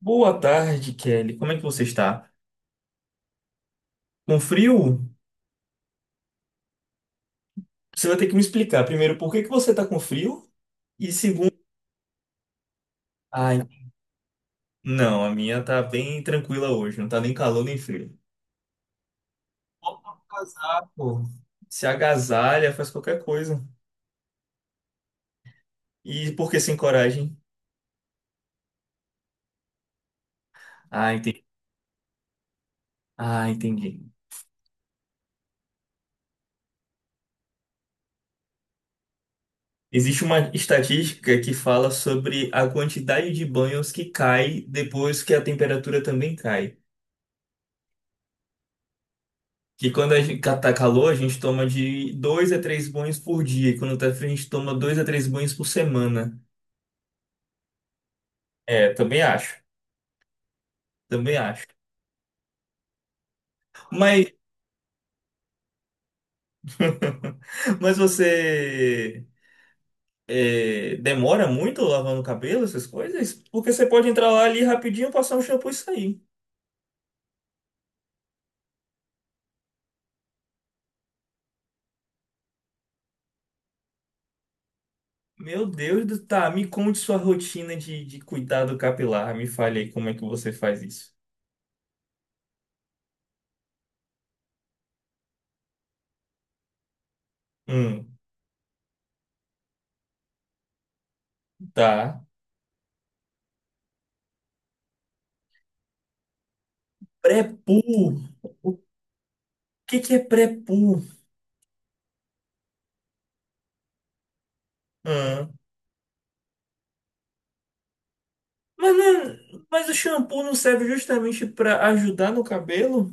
Boa tarde, Kelly. Como é que você está? Com frio? Você vai ter que me explicar primeiro por que que você está com frio e segundo, ai, não, a minha tá bem tranquila hoje, não tá nem calor nem frio. Bota um casaco. Se agasalha, faz qualquer coisa. E por que sem coragem? Ah, entendi. Ah, entendi. Existe uma estatística que fala sobre a quantidade de banhos que cai depois que a temperatura também cai. Que quando a gente tá calor, a gente toma de dois a três banhos por dia. E quando tá frio, a gente toma dois a três banhos por semana. É, também acho. Também acho. Mas, mas você demora muito lavando o cabelo, essas coisas? Porque você pode entrar lá ali rapidinho, passar um shampoo e sair. Meu Deus do... Tá, me conte sua rotina de cuidado capilar. Me fale aí como é que você faz isso. Hum, tá. Pré-poo. O que que é pré-poo? Mas, o shampoo não serve justamente para ajudar no cabelo?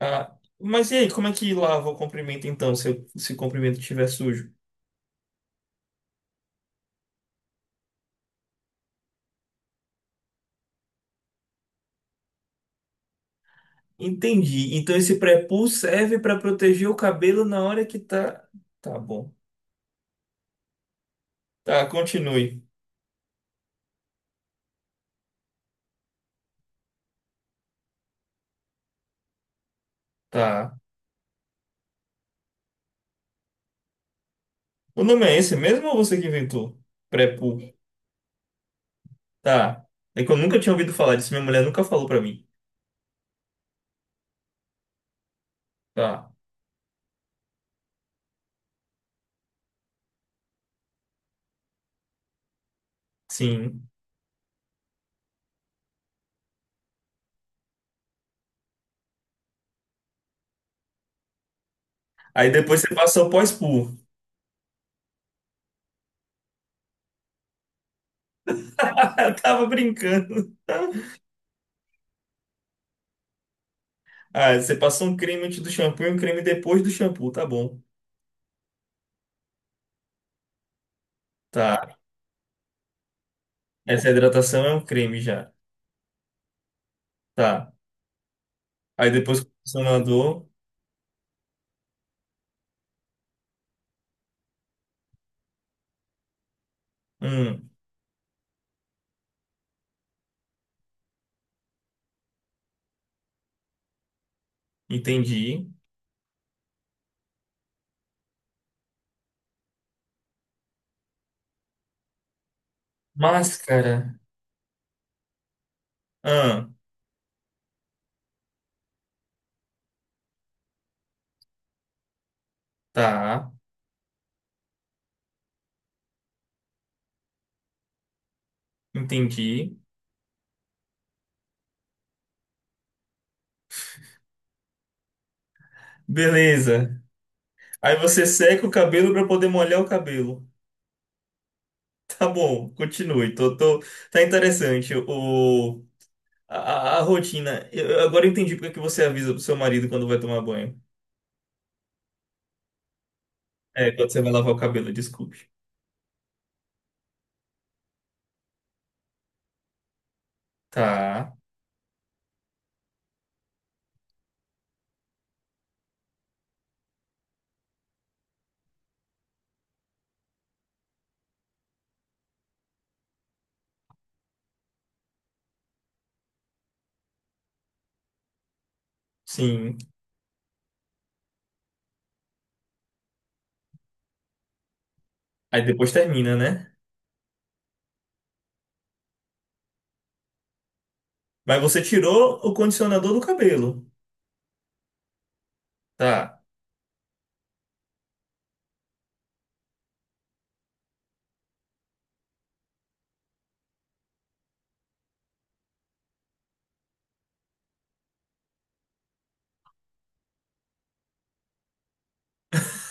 Ah, mas e aí, como é que lava o comprimento então, se o comprimento estiver sujo? Entendi. Então esse pré-poo serve para proteger o cabelo na hora que tá. Tá bom. Tá, continue. Tá. O nome é esse mesmo ou você que inventou? Pré-poo. Tá. É que eu nunca tinha ouvido falar disso, minha mulher nunca falou para mim. Tá. Sim. Aí depois você passou pós-poo. Eu tava brincando. Ah, você passou um creme antes do shampoo e um creme depois do shampoo, tá bom. Tá. Essa hidratação é um creme já. Tá. Aí depois o condicionador. Hum, entendi. Máscara. Ah, tá. Entendi. Beleza. Aí você seca o cabelo para poder molhar o cabelo. Tá bom, continue. Tá interessante a rotina. Eu agora entendi porque que você avisa pro seu marido quando vai tomar banho. É, quando você vai lavar o cabelo, desculpe. Tá. Sim. Aí depois termina, né? Mas você tirou o condicionador do cabelo. Tá.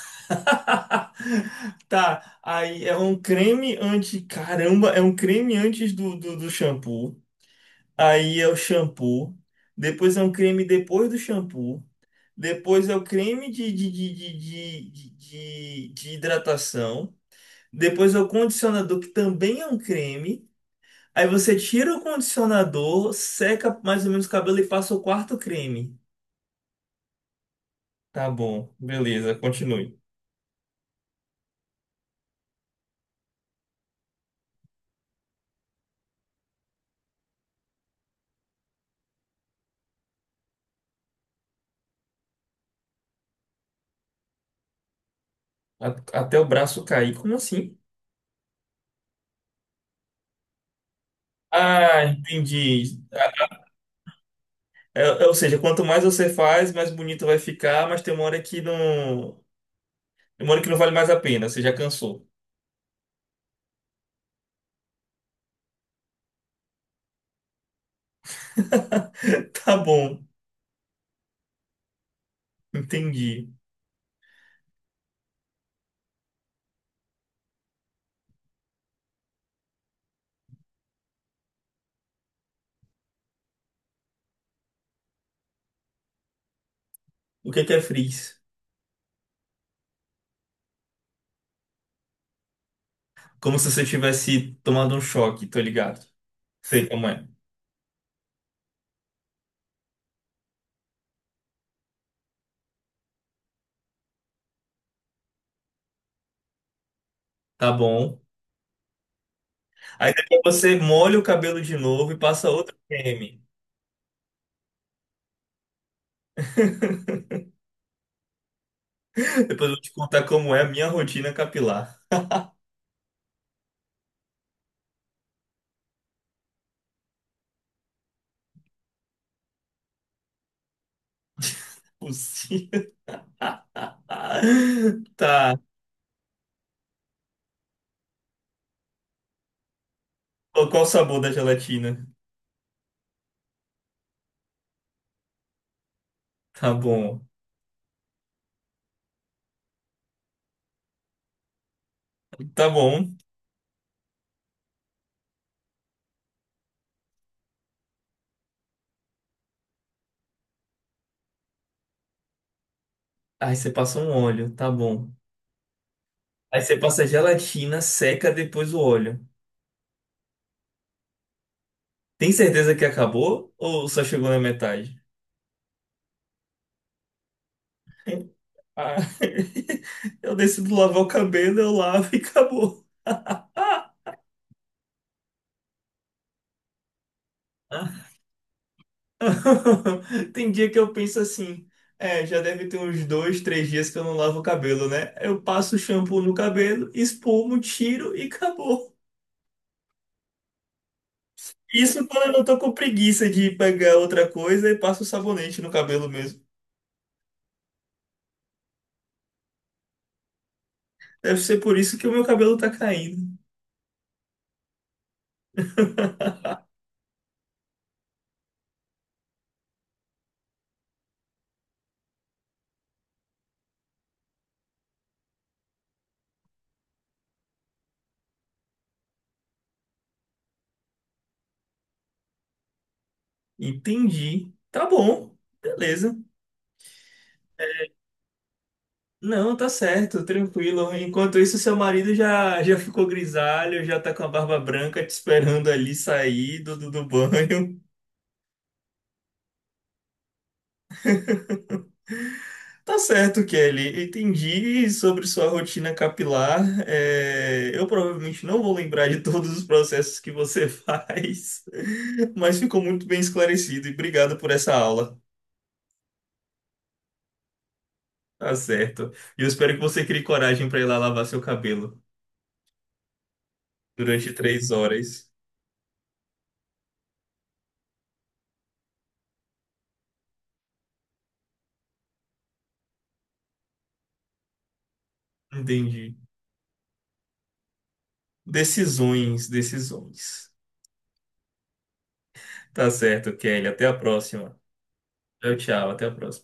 Tá. Aí é um creme anti. Caramba, é um creme antes do shampoo. Aí é o shampoo. Depois é um creme depois do shampoo. Depois é o creme de hidratação. Depois é o condicionador, que também é um creme. Aí você tira o condicionador, seca mais ou menos o cabelo e passa o quarto creme. Tá bom, beleza, continue. Até o braço cair. Como assim? Ah, entendi. Ah, ou seja, quanto mais você faz, mais bonito vai ficar, mas tem uma hora que não. Tem uma hora que não vale mais a pena, você já cansou. Tá bom, entendi. O que que é frizz? Como se você tivesse tomado um choque, tô ligado. Sei como é. Tá bom. Aí depois você molha o cabelo de novo e passa outro creme. Depois eu vou te contar como é a minha rotina capilar. Possível. Tá. Qual o sabor da gelatina? Tá bom. Tá bom. Aí você passa um óleo, tá bom. Aí você passa a gelatina, seca depois o óleo. Tem certeza que acabou ou só chegou na metade? Ah, eu decido lavar o cabelo, eu lavo e acabou. Ah! Ah. Tem dia que eu penso assim, já deve ter uns 2, 3 dias que eu não lavo o cabelo, né? Eu passo o shampoo no cabelo, espumo, tiro e acabou. Isso quando eu não tô com preguiça de pegar outra coisa e passo o sabonete no cabelo mesmo. Deve ser por isso que o meu cabelo tá caindo. Entendi. Tá bom, beleza. Não, tá certo, tranquilo. Enquanto isso, seu marido já ficou grisalho, já tá com a barba branca te esperando ali sair do banho. Tá certo, Kelly. Entendi sobre sua rotina capilar. É, eu provavelmente não vou lembrar de todos os processos que você faz, mas ficou muito bem esclarecido e obrigado por essa aula. Tá certo. E eu espero que você crie coragem para ir lá lavar seu cabelo durante 3 horas. Entendi. Decisões, decisões. Tá certo, Kelly. Até a próxima. Tchau, tchau. Até a próxima.